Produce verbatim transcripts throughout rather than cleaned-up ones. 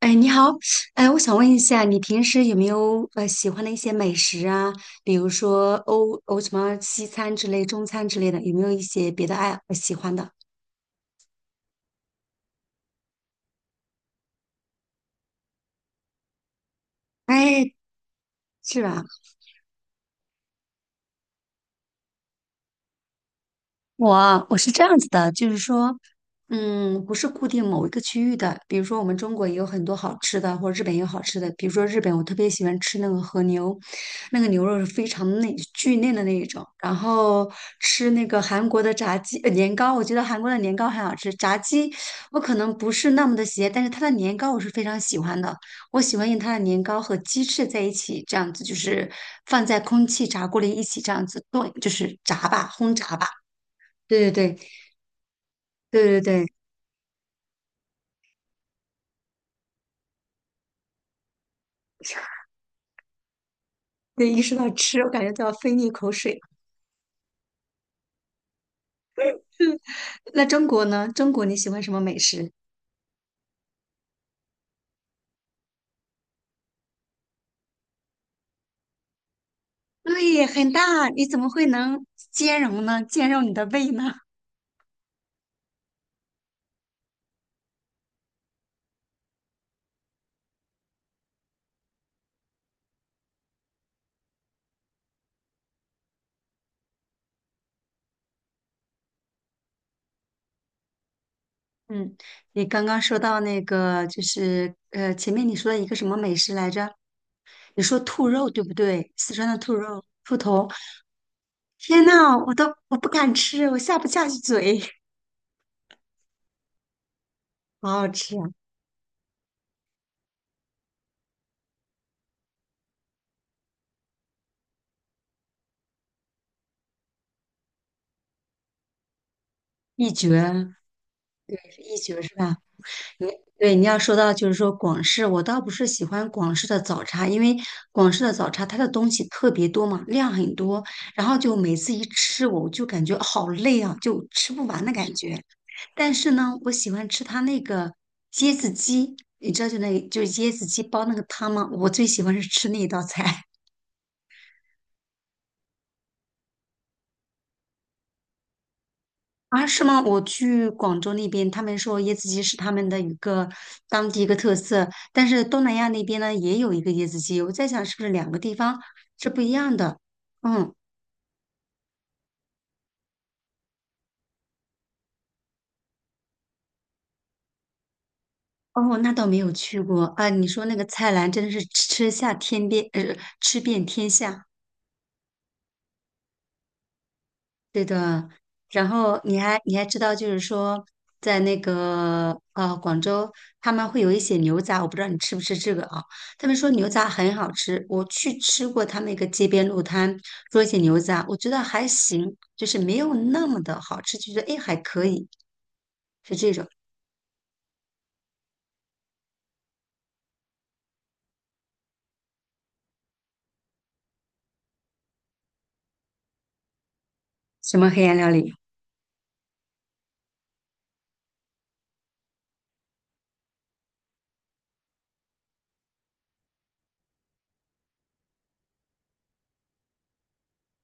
哎，你好。哎，我想问一下，你平时有没有呃喜欢的一些美食啊？比如说欧欧什么西餐之类、中餐之类的，有没有一些别的爱呃喜欢的？哎，是吧？我我是这样子的，就是说，嗯，不是固定某一个区域的。比如说，我们中国也有很多好吃的，或者日本也有好吃的。比如说，日本我特别喜欢吃那个和牛，那个牛肉是非常嫩、巨嫩的那一种。然后吃那个韩国的炸鸡、呃、年糕，我觉得韩国的年糕很好吃。炸鸡我可能不是那么的喜爱，但是它的年糕我是非常喜欢的。我喜欢用它的年糕和鸡翅在一起，这样子就是放在空气炸锅里一起这样子炖，就是炸吧，轰炸吧。对对对对对对。 对，一说到吃，我感觉都要分一口水。嗯。那中国呢？中国你喜欢什么美食？对，很大，你怎么会能兼容呢？兼容你的胃呢？嗯，你刚刚说到那个，就是呃，前面你说的一个什么美食来着？你说兔肉对不对？四川的兔肉、兔头，天呐，我都我不敢吃，我下不下去嘴，好好吃啊。一绝，也是一绝是吧？你对你要说到就是说广式，我倒不是喜欢广式的早茶，因为广式的早茶它的东西特别多嘛，量很多，然后就每次一吃我就感觉好累啊，就吃不完的感觉。但是呢，我喜欢吃它那个椰子鸡，你知道就那个就是椰子鸡煲那个汤吗？我最喜欢是吃那一道菜。啊，是吗？我去广州那边，他们说椰子鸡是他们的一个当地一个特色，但是东南亚那边呢也有一个椰子鸡，我在想是不是两个地方是不一样的？嗯。哦，那倒没有去过啊。你说那个菜篮真的是吃下天边，呃，吃遍天下。对的，然后你还你还知道，就是说，在那个呃广州，他们会有一些牛杂，我不知道你吃不吃这个啊？他们说牛杂很好吃，我去吃过他们一个街边路摊做一些牛杂，我觉得还行，就是没有那么的好吃，就觉得哎还可以，是这种。什么黑暗料理？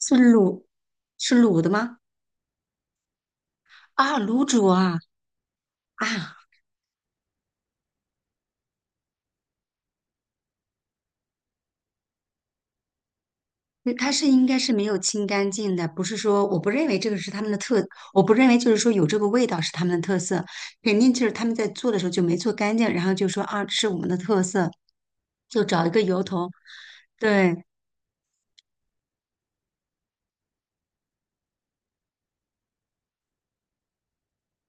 是卤是卤的吗？啊，卤煮啊。啊，嗯它是应该是没有清干净的，不是说我不认为这个是他们的特，我不认为就是说有这个味道是他们的特色，肯定就是他们在做的时候就没做干净，然后就说啊，这是我们的特色，就找一个由头。对，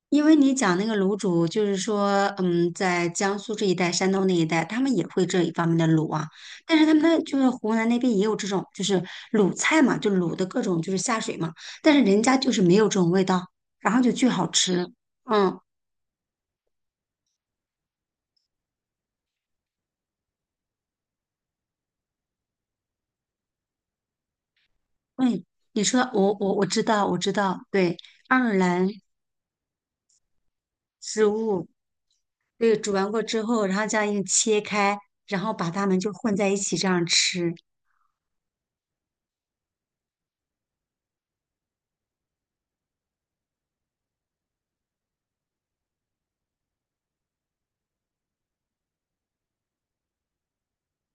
因为你讲那个卤煮，就是说，嗯，在江苏这一带、山东那一带，他们也会这一方面的卤啊，但是他们那就是湖南那边也有这种，就是卤菜嘛，就卤的各种就是下水嘛，但是人家就是没有这种味道，然后就巨好吃。嗯。嗯，你说我我我知道我知道，对，爱尔兰食物，对，煮完过之后，然后这样一切开，然后把它们就混在一起这样吃。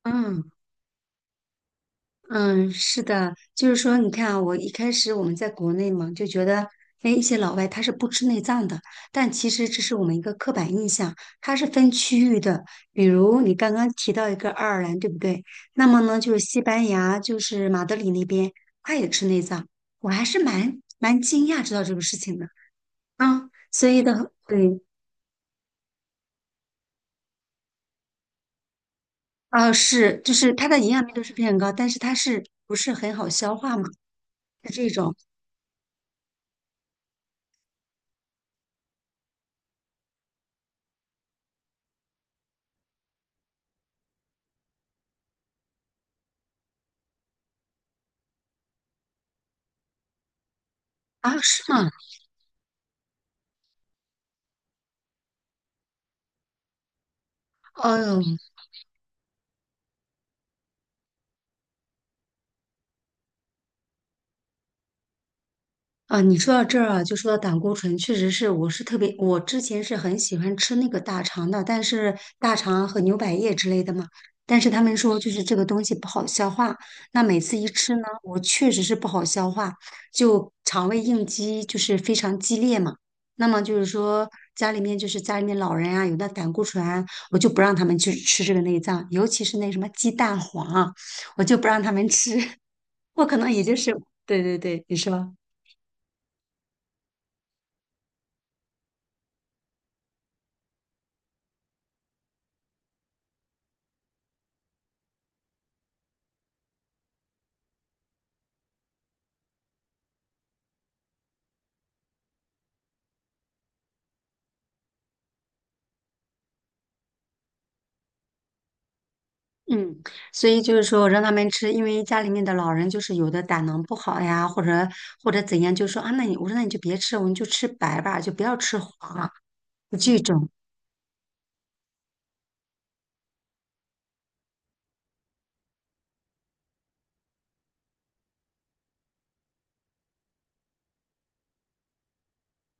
嗯。嗯，是的，就是说，你看啊，我一开始我们在国内嘛，就觉得，哎，一些老外他是不吃内脏的，但其实这是我们一个刻板印象，它是分区域的。比如你刚刚提到一个爱尔兰，对不对？那么呢，就是西班牙，就是马德里那边，他也吃内脏，我还是蛮蛮惊讶知道这个事情的啊。所以的，对。啊，是，就是它的营养密度是非常高，但是它是不是很好消化嘛？是这种。啊，是吗？哦。啊，你说到这儿啊，就说到胆固醇，确实是，我是特别，我之前是很喜欢吃那个大肠的，但是大肠和牛百叶之类的嘛，但是他们说就是这个东西不好消化，那每次一吃呢，我确实是不好消化，就肠胃应激就是非常激烈嘛。那么就是说家里面就是家里面老人啊，有那胆固醇啊我就不让他们去吃这个内脏，尤其是那什么鸡蛋黄啊，我就不让他们吃，我可能也就是，对对对，你说。嗯，所以就是说让他们吃，因为家里面的老人就是有的胆囊不好呀，或者或者怎样，就说啊，那你我说那你就别吃，我们就吃白吧，就不要吃黄啊，就这种。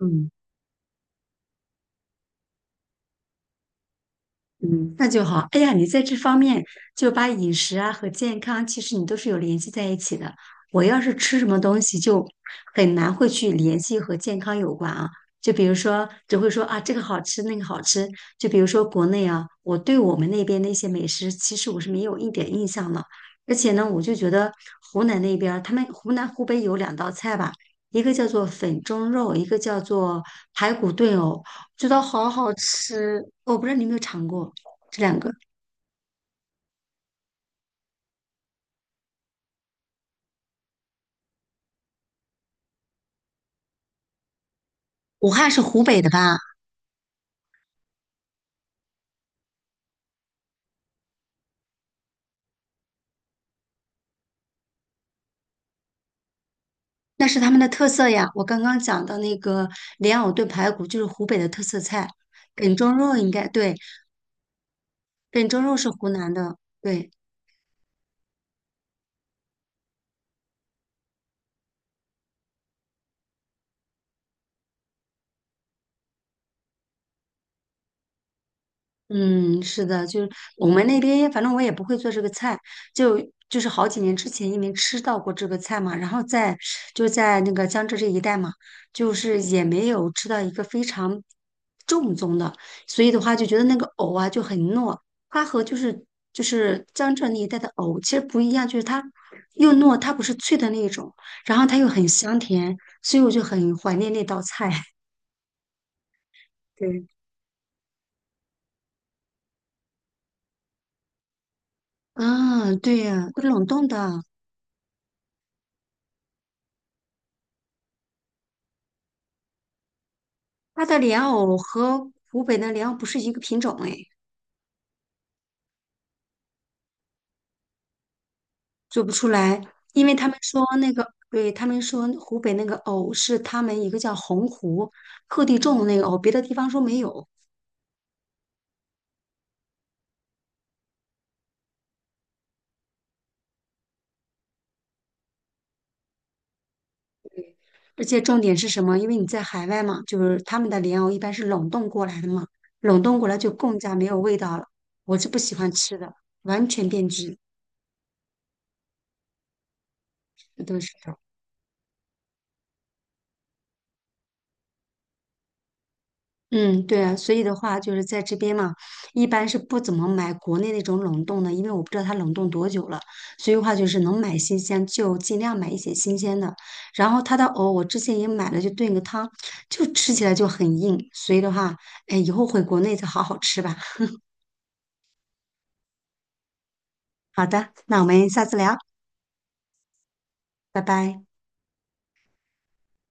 嗯。嗯，那就好。哎呀，你在这方面就把饮食啊和健康，其实你都是有联系在一起的。我要是吃什么东西，就很难会去联系和健康有关啊。就比如说，只会说啊这个好吃，那个好吃。就比如说国内啊，我对我们那边那些美食，其实我是没有一点印象的。而且呢，我就觉得湖南那边儿他们湖南、湖北有两道菜吧，一个叫做粉蒸肉，一个叫做排骨炖藕，觉得好好吃。我不知道你有没有尝过。这两个，武汉是湖北的吧？那是他们的特色呀。我刚刚讲的那个莲藕炖排骨就是湖北的特色菜，梗蒸肉应该对，梗蒸肉是湖南的，对。嗯，是的，就是我们那边，反正我也不会做这个菜，就就是好几年之前因为吃到过这个菜嘛，然后在就在那个江浙这一带嘛，就是也没有吃到一个非常正宗的，所以的话就觉得那个藕啊就很糯，它和就是就是江浙那一带的藕其实不一样，就是它又糯，它不是脆的那一种，然后它又很香甜，所以我就很怀念那道菜。对，啊，对呀，都冷冻的。它的莲藕和湖北的莲藕不是一个品种哎，做不出来，因为他们说那个，对，他们说湖北那个藕是他们一个叫洪湖特地种的那个藕，别的地方说没有。而且重点是什么？因为你在海外嘛，就是他们的莲藕一般是冷冻过来的嘛，冷冻过来就更加没有味道了。我是不喜欢吃的，完全变质，都是。嗯，对啊，所以的话就是在这边嘛，一般是不怎么买国内那种冷冻的，因为我不知道它冷冻多久了，所以的话就是能买新鲜就尽量买一些新鲜的。然后它的藕我之前也买了，就炖个汤，就吃起来就很硬，所以的话，哎，以后回国内再好好吃吧。好的，那我们下次聊，拜拜。